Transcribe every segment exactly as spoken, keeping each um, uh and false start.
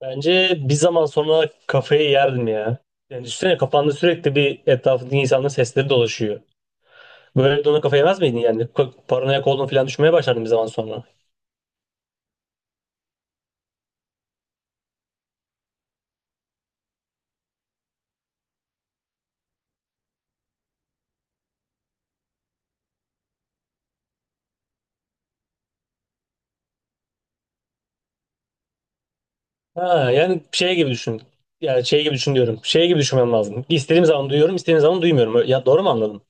Bence bir zaman sonra kafayı yerdim ya. Yani düşünsene, kafanda sürekli bir etrafındaki insanların sesleri dolaşıyor. Böyle de ona kafa yemez miydin yani? Ko- Paranoyak olduğunu falan düşünmeye başlardın bir zaman sonra. Ha, yani şey gibi düşün. Yani şey gibi düşün diyorum. Şey gibi düşünmem lazım. İstediğim zaman duyuyorum, istediğim zaman duymuyorum. Ö- Ya doğru mu anladım?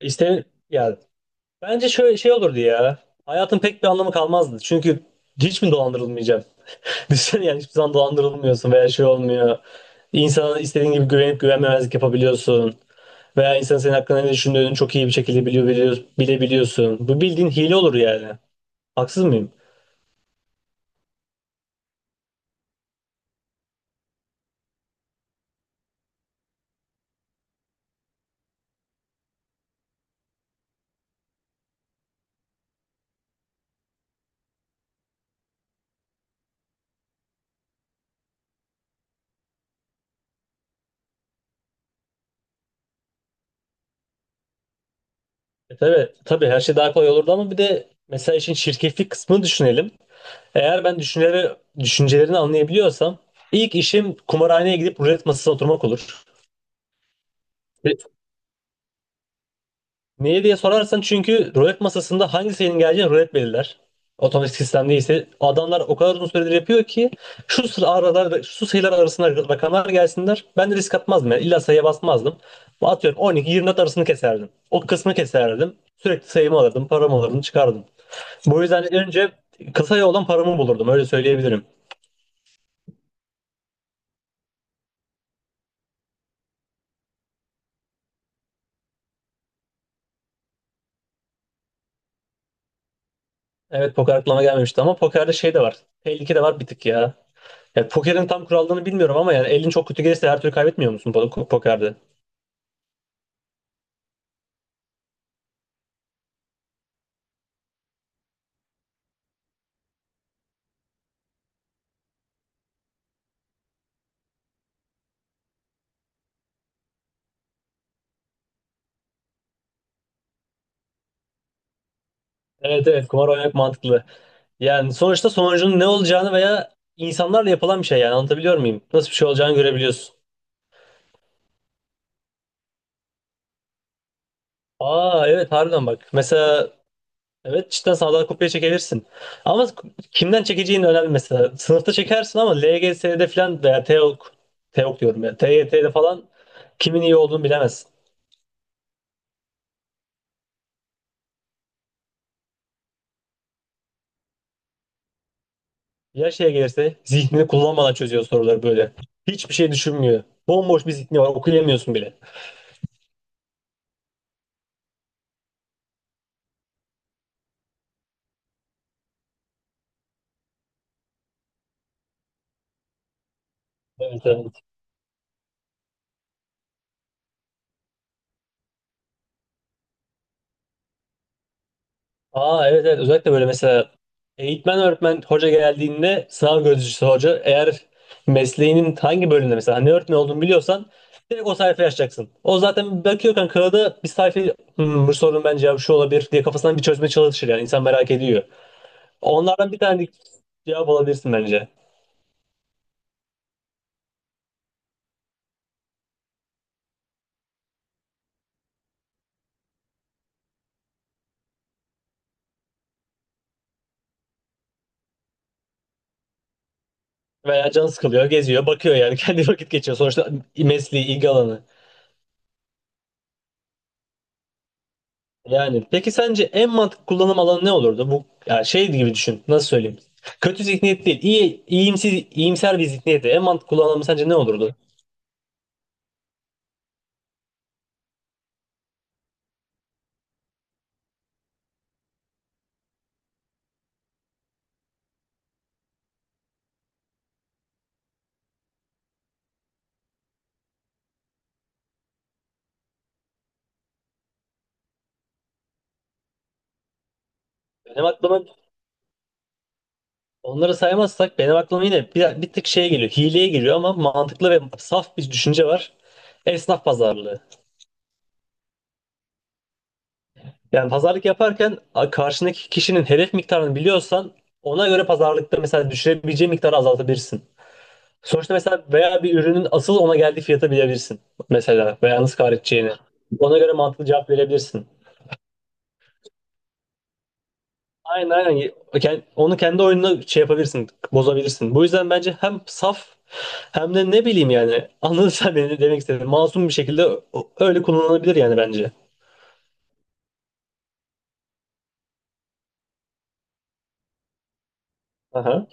İste ya, bence şöyle şey olurdu ya. Hayatın pek bir anlamı kalmazdı. Çünkü hiç mi dolandırılmayacağım? Düşünsene, yani hiçbir zaman dolandırılmıyorsun veya şey olmuyor. İnsana istediğin gibi güvenip güvenmemezlik yapabiliyorsun. Veya insan senin hakkında ne düşündüğünü çok iyi bir şekilde biliyor, biliyor, bilebiliyorsun. Bu bildiğin hile olur yani. Haksız mıyım? E tabii, tabii, her şey daha kolay olurdu ama bir de mesela işin şirketlik kısmını düşünelim. Eğer ben düşünceleri, düşüncelerini anlayabiliyorsam ilk işim kumarhaneye gidip rulet masasına oturmak olur. Niye diye sorarsan, çünkü rulet masasında hangi sayının geleceğini rulet belirler. Otomatik sistem değilse adamlar o kadar uzun süredir yapıyor ki şu sıra aralar şu sayılar arasında rakamlar gelsinler. Ben de risk atmazdım yani, illa sayıya basmazdım. Atıyorum, on iki yirmi dört arasını keserdim. O kısmı keserdim. Sürekli sayımı alırdım, paramı alırdım, çıkardım. Bu yüzden önce kısa yoldan paramı bulurdum, öyle söyleyebilirim. Evet, poker aklıma gelmemişti ama pokerde şey de var. Tehlike de var bir tık ya. Ya pokerin tam kurallarını bilmiyorum ama yani elin çok kötü gelirse her türlü kaybetmiyor musun po- pokerde? Evet, evet, kumar oynamak mantıklı. Yani sonuçta sonucunun ne olacağını veya insanlarla yapılan bir şey, yani anlatabiliyor muyum? Nasıl bir şey olacağını görebiliyorsun. Aa, evet, harbiden bak. Mesela, evet, cidden sağdan kopya çekebilirsin. Ama kimden çekeceğin önemli mesela. Sınıfta çekersin ama L G S'de falan veya TEOK, TEOK diyorum ya, T Y T'de falan kimin iyi olduğunu bilemezsin. Ya şeye gelirse, zihnini kullanmadan çözüyor soruları böyle. Hiçbir şey düşünmüyor. Bomboş bir zihni var, okuyamıyorsun bile. Evet, evet. Aa, evet, evet, özellikle böyle mesela eğitmen, öğretmen, hoca geldiğinde, sınav gözcüsü hoca, eğer mesleğinin hangi bölümünde, mesela hani ne öğretmen olduğunu biliyorsan, direkt o sayfayı açacaksın. O zaten bakıyor kanka kağıda bir sayfayı. "Hmm, bu sorunun bence cevabı şu olabilir" diye kafasından bir çözmeye çalışır yani, insan merak ediyor. Onlardan bir tane cevap alabilirsin bence. Veya can sıkılıyor, geziyor, bakıyor yani, kendi vakit geçiyor sonuçta, mesleği, ilgi alanı. Yani peki sence en mantıklı kullanım alanı ne olurdu? Bu yani şey gibi düşün. Nasıl söyleyeyim? Kötü zihniyet değil. İyi, iyimsiz, iyimser bir zihniyeti. En mantıklı kullanımı sence ne olurdu? Benim aklıma, onları saymazsak benim aklıma yine bir, bir tık şeye geliyor. Hileye geliyor ama mantıklı ve saf bir düşünce var. Esnaf pazarlığı. Yani pazarlık yaparken a- karşındaki kişinin hedef miktarını biliyorsan, ona göre pazarlıkta mesela düşürebileceği miktarı azaltabilirsin. Sonuçta mesela veya bir ürünün asıl ona geldiği fiyata bilebilirsin. Mesela veya nasıl kar edeceğini. Ona göre mantıklı cevap verebilirsin. Aynen, aynen. Ken- Onu kendi oyununa şey yapabilirsin, bozabilirsin. Bu yüzden bence hem saf hem de ne bileyim yani, anladın sen beni, demek istedim. Masum bir şekilde o- öyle kullanılabilir yani bence. Aha.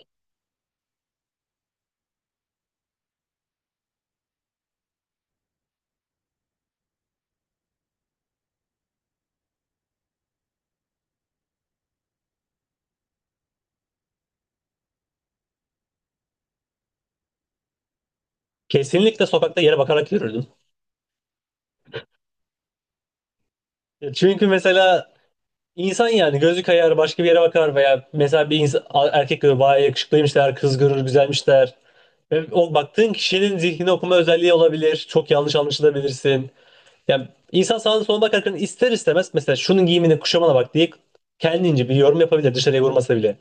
Kesinlikle sokakta yere bakarak yürürdüm. Çünkü mesela, İnsan yani gözü kayar, başka bir yere bakar veya mesela bir insan, erkek görür bayağı yakışıklıymış der, kız görür güzelmiş der. Ve o baktığın kişinin zihnini okuma özelliği olabilir. Çok yanlış anlaşılabilirsin. Yani insan sağına soluna bakarken ister istemez mesela şunun giyimine kuşamana bak diye kendince bir yorum yapabilir, dışarıya vurmasa bile.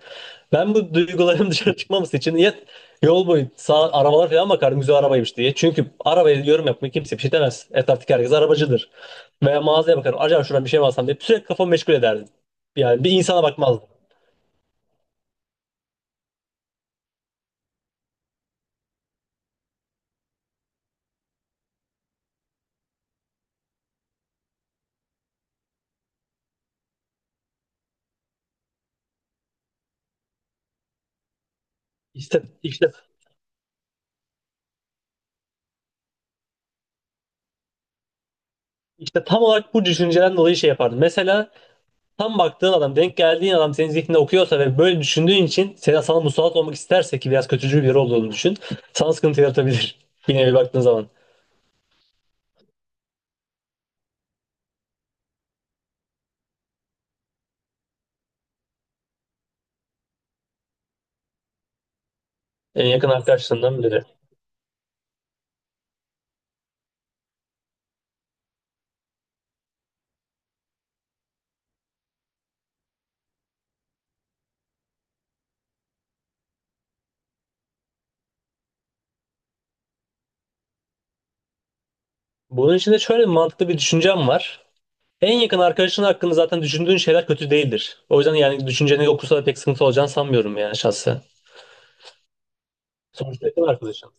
Ben bu duygularım dışarı çıkmaması için ya, yol boyu sağ arabalar falan bakardım, güzel arabaymış diye. Çünkü arabaya yorum yapmaya kimse bir şey demez. Etraftaki herkes arabacıdır. Veya mağazaya bakarım, acaba şuradan bir şey mi alsam diye sürekli kafamı meşgul ederdim. Yani bir insana bakmazdım. İşte, işte, işte tam olarak bu düşünceden dolayı şey yapardım. Mesela tam baktığın adam, denk geldiğin adam senin zihninde okuyorsa ve böyle düşündüğün için sana, sana musallat olmak isterse, ki biraz kötücül biri olduğunu düşün. Sana sıkıntı yaratabilir. Yine bir baktığın zaman. En yakın arkadaşlarından biri. Bunun için de şöyle bir mantıklı bir düşüncem var. En yakın arkadaşın hakkında zaten düşündüğün şeyler kötü değildir. O yüzden yani düşünceni okursa da pek sıkıntı olacağını sanmıyorum, yani şahsen. Sonuçta yakın arkadaşım.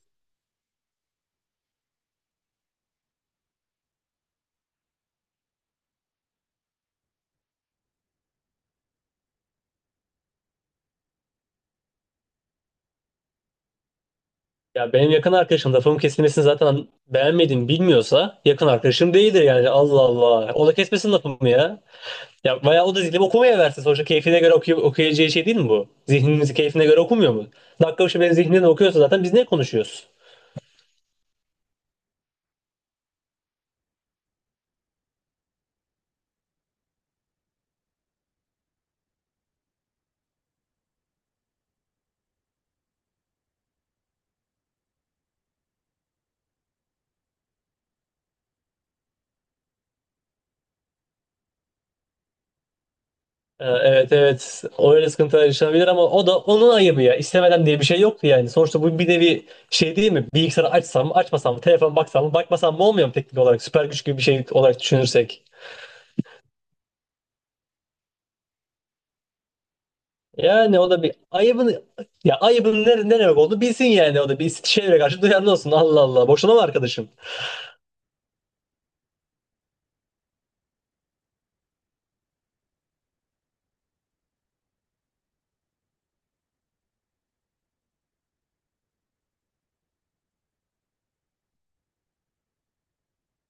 Ya benim yakın arkadaşım lafımın kesilmesini zaten beğenmediğimi bilmiyorsa, yakın arkadaşım değildir yani. Allah Allah. O da kesmesin lafımı ya. Ya bayağı, o da zihnini okumaya versin. Sonuçta keyfine göre okuy okuyacağı şey değil mi bu? Zihnimizi keyfine göre okumuyor mu? Dakika başı benim zihnimden okuyorsa zaten biz ne konuşuyoruz? Ee, evet, evet. Öyle sıkıntılar yaşanabilir ama o da onun ayıbı ya. İstemeden diye bir şey yoktu yani. Sonuçta bu bir nevi şey değil mi? Bilgisayarı açsam mı açmasam mı? Telefon baksam mı bakmasam mı olmuyor mu teknik olarak? Süper güç gibi bir şey olarak düşünürsek. Yani o da bir ayıbın, ya ayıbın ne, ne demek olduğunu bilsin yani, o da bir şeylere karşı duyarlı olsun. Allah Allah. Boşuna mı arkadaşım?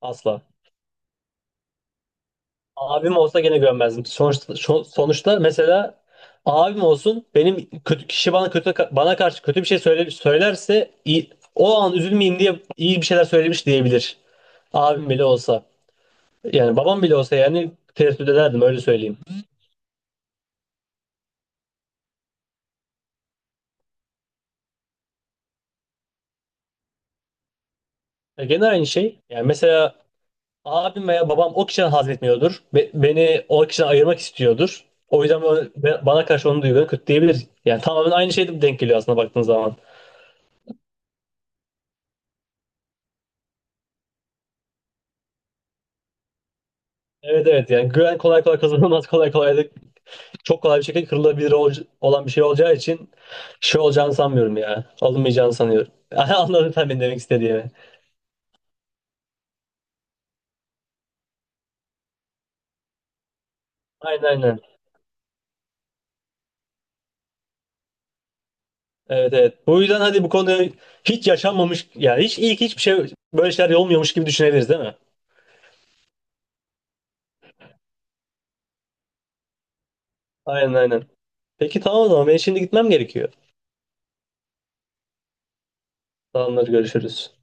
Asla. Abim olsa gene gömmezdim. Sonuçta, şo- sonuçta mesela abim olsun, benim kötü kişi, bana kötü, bana karşı kötü bir şey söyle, söylerse, iyi- o an üzülmeyeyim diye iyi bir şeyler söylemiş diyebilir. Abim bile olsa. Yani babam bile olsa yani tereddüt ederdim, öyle söyleyeyim. E, Gene aynı şey. Yani mesela abim veya babam o kişiden haz etmiyordur. Be- beni o kişiden ayırmak istiyordur. O yüzden bana bana karşı onun duygularını kötü diyebilir. Yani tamamen aynı şeyde denk geliyor aslında, baktığın zaman. Evet, evet, yani güven kolay kolay kazanılmaz, kolay kolay da çok kolay bir şekilde kırılabilir ol- olan bir şey olacağı için şey olacağını sanmıyorum ya. Alınmayacağını sanıyorum. Anladın sen benim demek istediğimi. Aynen, aynen. Evet, evet. Bu yüzden hadi bu konuyu hiç yaşanmamış, yani hiç ilk hiçbir şey böyle şeyler olmuyormuş gibi düşünebiliriz değil mi? Aynen, aynen. Peki tamam, o zaman ben şimdi gitmem gerekiyor. Tamamdır, görüşürüz.